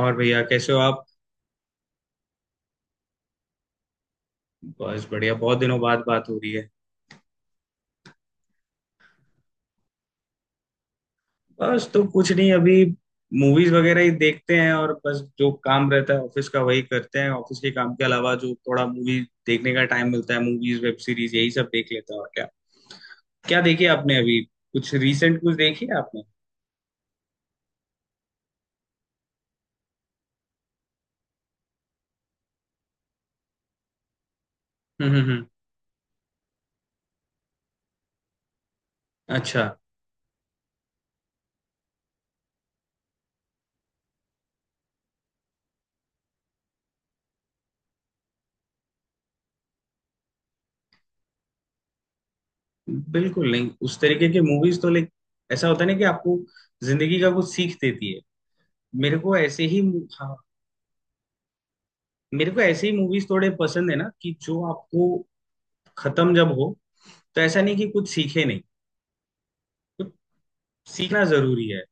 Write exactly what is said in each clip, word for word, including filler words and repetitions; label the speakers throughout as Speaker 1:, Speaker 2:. Speaker 1: और भैया कैसे हो आप। बस बढ़िया, बहुत दिनों बाद बात हो रही है। बस तो कुछ नहीं, अभी मूवीज वगैरह ही देखते हैं, और बस जो काम रहता है ऑफिस का वही करते हैं। ऑफिस के काम के अलावा जो थोड़ा मूवी देखने का टाइम मिलता है, मूवीज वेब सीरीज यही सब देख लेते हैं। और क्या? क्या देखी आपने अभी, कुछ रिसेंट कुछ देखी है आपने? हम्म हम्म हम्म। अच्छा। बिल्कुल। नहीं, उस तरीके के मूवीज तो लाइक, ऐसा होता है ना कि आपको जिंदगी का कुछ सीख देती है। मेरे को ऐसे ही हाँ, मेरे को ऐसी मूवीज थोड़े पसंद है ना कि जो आपको खत्म जब हो तो ऐसा नहीं कि कुछ सीखे नहीं, तो सीखना जरूरी है।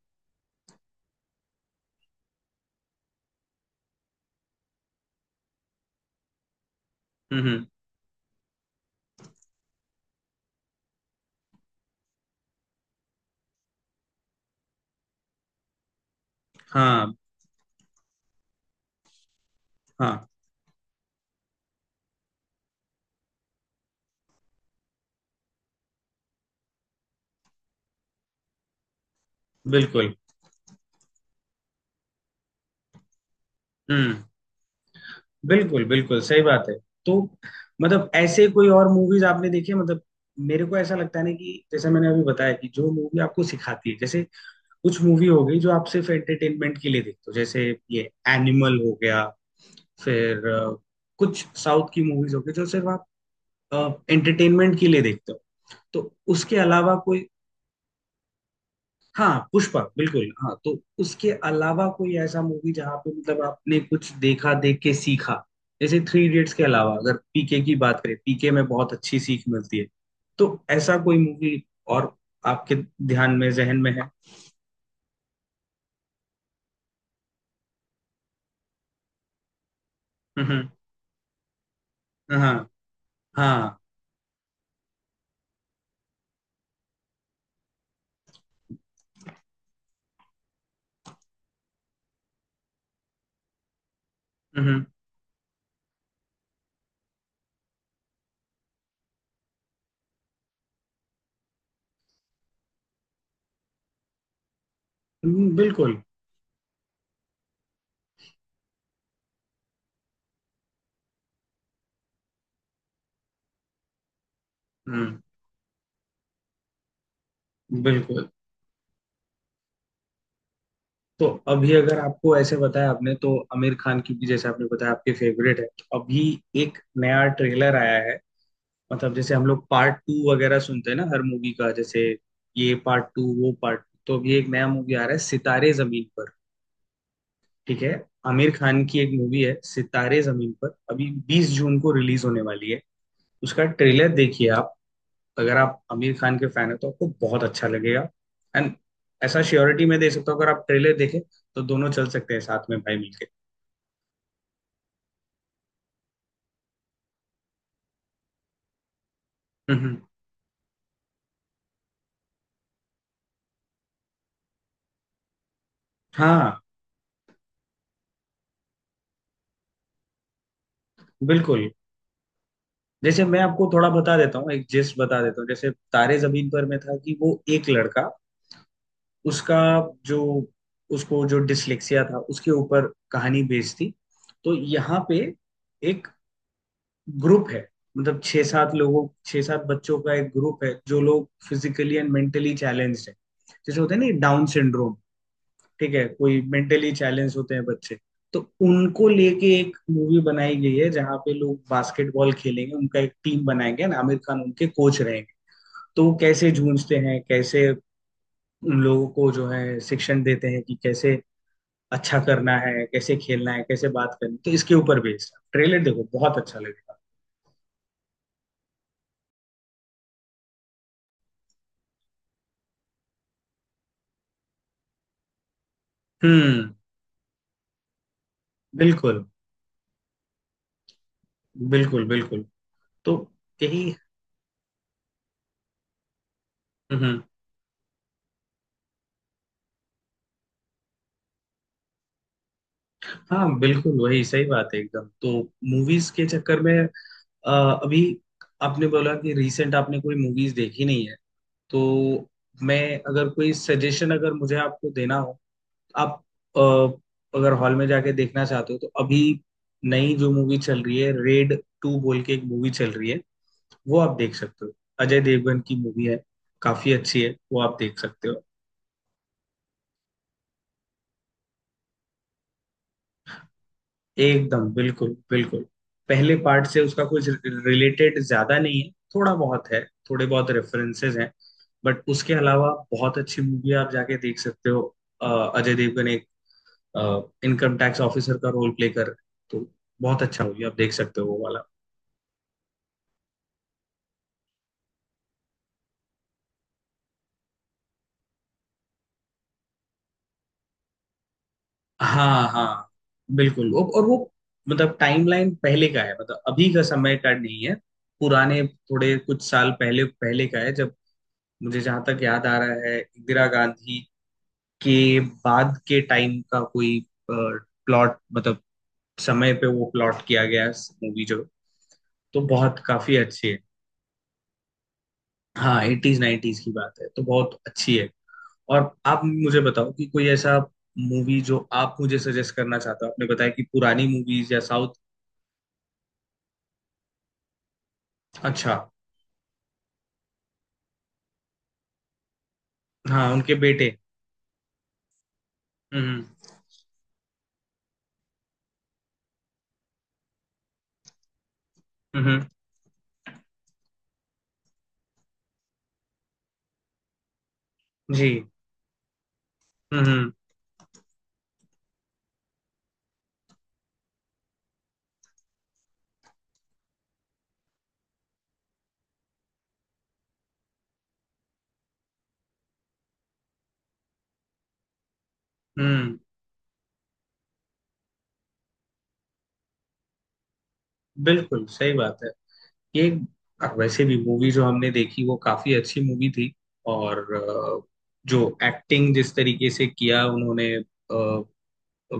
Speaker 1: हम्म हम्म, हाँ हाँ बिल्कुल। हम्म। बिल्कुल बिल्कुल सही बात है। तो मतलब ऐसे कोई और मूवीज आपने देखी है? मतलब मेरे को ऐसा लगता है ना, कि जैसे मैंने अभी बताया कि जो मूवी आपको सिखाती है, जैसे कुछ मूवी हो गई जो आप सिर्फ एंटरटेनमेंट के लिए देखते हो, जैसे ये एनिमल हो गया, फिर अ, कुछ साउथ की मूवीज हो गई जो सिर्फ आप एंटरटेनमेंट के लिए देखते हो। तो उसके अलावा कोई, हाँ पुष्पा, बिल्कुल। हाँ, तो उसके अलावा कोई ऐसा मूवी जहाँ पे मतलब आपने कुछ देखा, देख के सीखा, जैसे थ्री इडियट्स के अलावा अगर पीके की बात करें, पीके में बहुत अच्छी सीख मिलती है। तो ऐसा कोई मूवी और आपके ध्यान में, जहन में है? हम्म हाँ हाँ हम्म हम्म, बिल्कुल। हम्म बिल्कुल। तो अभी अगर आपको ऐसे बताया, आपने तो आमिर खान की भी जैसे आपने बताया आपके फेवरेट है, तो अभी एक नया ट्रेलर आया है। मतलब जैसे हम लोग पार्ट टू वगैरह सुनते हैं ना हर मूवी का, जैसे ये पार्ट टू वो पार्ट टू, तो अभी एक नया मूवी आ रहा है सितारे जमीन पर। ठीक है, आमिर खान की एक मूवी है सितारे जमीन पर, अभी बीस जून को रिलीज होने वाली है। उसका ट्रेलर देखिए आप, अगर आप आमिर खान के फैन हो तो आपको बहुत अच्छा लगेगा। एंड ऐसा श्योरिटी मैं दे सकता हूँ, अगर आप ट्रेलर देखें तो दोनों चल सकते हैं साथ में भाई मिलके। हम्म हम्म। हाँ बिल्कुल। जैसे मैं आपको थोड़ा बता देता हूँ, एक जिस्ट बता देता हूँ, जैसे तारे जमीन पर में था कि वो एक लड़का, उसका जो, उसको जो डिसलेक्सिया था उसके ऊपर कहानी बेस्ड थी। तो यहाँ पे एक ग्रुप है, मतलब छः सात लोगों, छः सात बच्चों का एक ग्रुप है, जो लोग फिजिकली एंड मेंटली चैलेंज्ड है, जैसे होते हैं ना डाउन सिंड्रोम। ठीक है, कोई मेंटली चैलेंज होते हैं बच्चे। तो उनको लेके एक मूवी बनाई गई है जहाँ पे लोग बास्केटबॉल खेलेंगे, उनका एक टीम बनाएंगे ना, आमिर खान उनके कोच रहेंगे। तो वो कैसे जूझते हैं, कैसे उन लोगों को जो है शिक्षण देते हैं, कि कैसे अच्छा करना है, कैसे खेलना है, कैसे बात करनी, तो इसके ऊपर बेस्ड, ट्रेलर देखो, बहुत अच्छा लगेगा। हम्म बिल्कुल बिल्कुल बिल्कुल। तो यही हम्म, हाँ बिल्कुल वही सही बात है एकदम। तो मूवीज के चक्कर में, अ, अभी आपने बोला कि रिसेंट आपने कोई मूवीज देखी नहीं है, तो मैं अगर कोई सजेशन अगर मुझे आपको देना हो, आप अ, अगर हॉल में जाके देखना चाहते हो, तो अभी नई जो मूवी चल रही है रेड टू बोल के, एक मूवी चल रही है, वो आप देख सकते हो। अजय देवगन की मूवी है, काफी अच्छी है, वो आप देख सकते हो। एकदम बिल्कुल बिल्कुल। पहले पार्ट से उसका कुछ रिलेटेड ज्यादा नहीं है, थोड़ा बहुत है, थोड़े बहुत रेफरेंसेस हैं। बट उसके अलावा बहुत अच्छी मूवी है, आप जाके देख सकते हो। अ, अजय देवगन एक इनकम टैक्स ऑफिसर का रोल प्ले कर रहे हैं, तो बहुत अच्छा मूवी आप देख सकते हो वो वाला। हाँ हाँ बिल्कुल वो- और वो, मतलब टाइमलाइन पहले का है, मतलब अभी का समय का नहीं है। पुराने थोड़े कुछ साल पहले पहले का है, जब मुझे जहां तक याद आ रहा है इंदिरा गांधी के बाद के टाइम का कोई प्लॉट, मतलब समय पे वो प्लॉट किया गया मूवी जो। तो बहुत काफी अच्छी है। हाँ एटीज नाइनटीज की बात है, तो बहुत अच्छी है। और आप मुझे बताओ कि कोई ऐसा मूवी जो आप मुझे सजेस्ट करना चाहते हो, आपने बताया कि पुरानी मूवीज या साउथ। अच्छा। हाँ, उनके बेटे। हम्म हम्म जी हम्म। हम्म बिल्कुल सही बात है। ये अब वैसे भी मूवी जो हमने देखी वो काफी अच्छी मूवी थी। और अ, जो एक्टिंग जिस तरीके से किया उन्होंने, अ,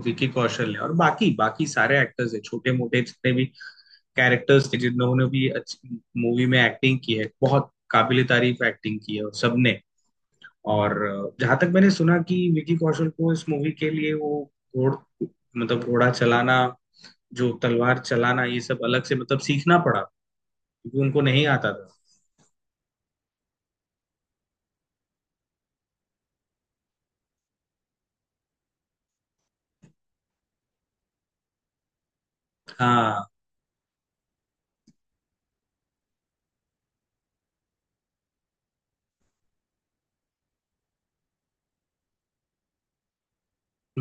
Speaker 1: विकी कौशल ने और बाकी बाकी सारे एक्टर्स है, छोटे मोटे जितने भी कैरेक्टर्स थे, जिन्होंने भी अच्छी मूवी में एक्टिंग की है, बहुत काबिल तारीफ एक्टिंग की है और सबने। और जहां तक मैंने सुना कि विकी कौशल को इस मूवी के लिए वो घोड़ मतलब घोड़ा चलाना, जो तलवार चलाना, ये सब अलग से मतलब सीखना पड़ा, क्योंकि उनको नहीं आता था। हाँ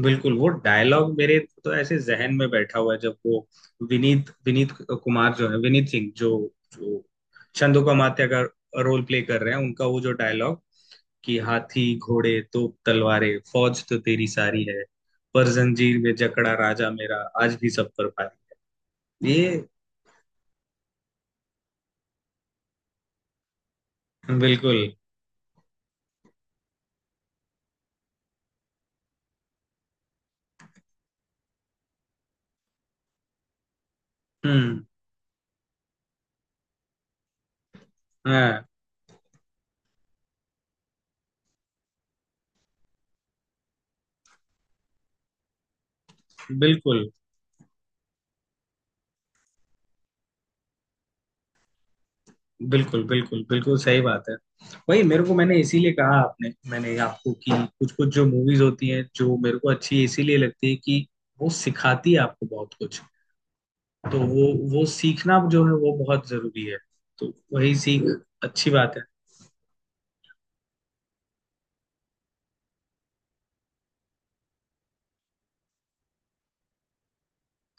Speaker 1: बिल्कुल, वो डायलॉग मेरे तो ऐसे जहन में बैठा हुआ है, जब वो विनीत विनीत कुमार जो है विनीत सिंह जो जो छंदो कामात्या का रोल प्ले कर रहे हैं, उनका वो जो डायलॉग कि हाथी घोड़े तोप तलवारें फौज तो तेरी सारी है, पर जंजीर में जकड़ा राजा मेरा आज भी सब पर भारी, ये। बिल्कुल। हम्म हाँ बिल्कुल बिल्कुल बिल्कुल। बिल्कुल सही बात है। वही मेरे को, मैंने इसीलिए कहा आपने, मैंने आपको कि कुछ कुछ जो मूवीज होती हैं जो मेरे को अच्छी इसीलिए लगती है कि वो सिखाती है आपको बहुत कुछ। तो वो वो सीखना जो है वो बहुत जरूरी है। तो वही सीख अच्छी बात है।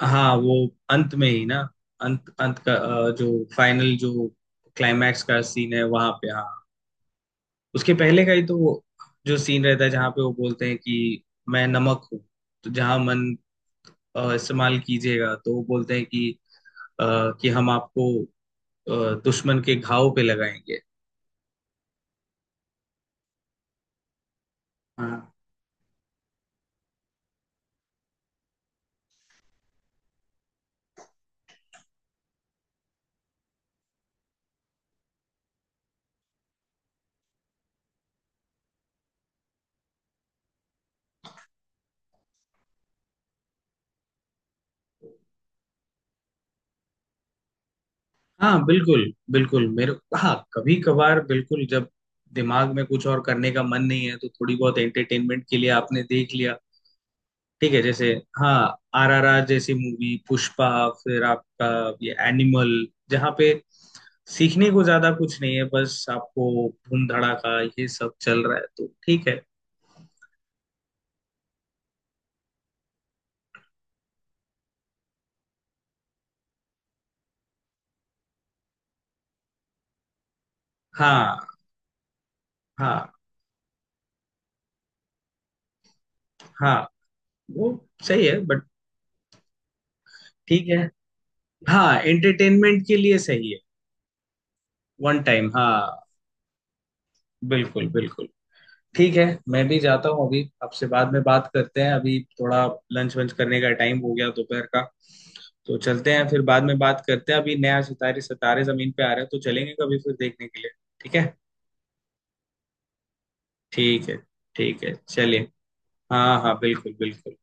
Speaker 1: हाँ वो अंत में ही ना, अंत अंत का अ, जो फाइनल, जो क्लाइमैक्स का सीन है वहां पे, हाँ। उसके पहले का ही तो वो जो सीन रहता है जहाँ पे वो बोलते हैं कि मैं नमक हूँ, तो जहाँ मन अ, इस्तेमाल कीजिएगा, तो वो बोलते हैं कि अ, कि हम आपको अ, दुश्मन के घाव पे लगाएंगे। हाँ हाँ बिल्कुल बिल्कुल, मेरे हाँ कभी कभार बिल्कुल, जब दिमाग में कुछ और करने का मन नहीं है, तो थोड़ी बहुत एंटरटेनमेंट के लिए आपने देख लिया। ठीक है जैसे हाँ आरआरआर जैसी मूवी, पुष्पा, फिर आपका ये एनिमल, जहाँ पे सीखने को ज्यादा कुछ नहीं है, बस आपको धूम धड़ाका ये सब चल रहा है, तो ठीक है। हाँ हाँ हाँ वो सही है बट, ठीक है हाँ एंटरटेनमेंट के लिए सही है। वन टाइम हाँ बिल्कुल बिल्कुल। ठीक है, मैं भी जाता हूँ, अभी आपसे बाद में बात करते हैं, अभी थोड़ा लंच वंच करने का टाइम हो गया दोपहर का। तो चलते हैं, फिर बाद में बात करते हैं, अभी नया सितारे सितारे जमीन पे आ रहे हैं, तो चलेंगे कभी फिर देखने के लिए। ठीक है। ठीक है। ठीक है चलिए, हाँ हाँ बिल्कुल बिल्कुल।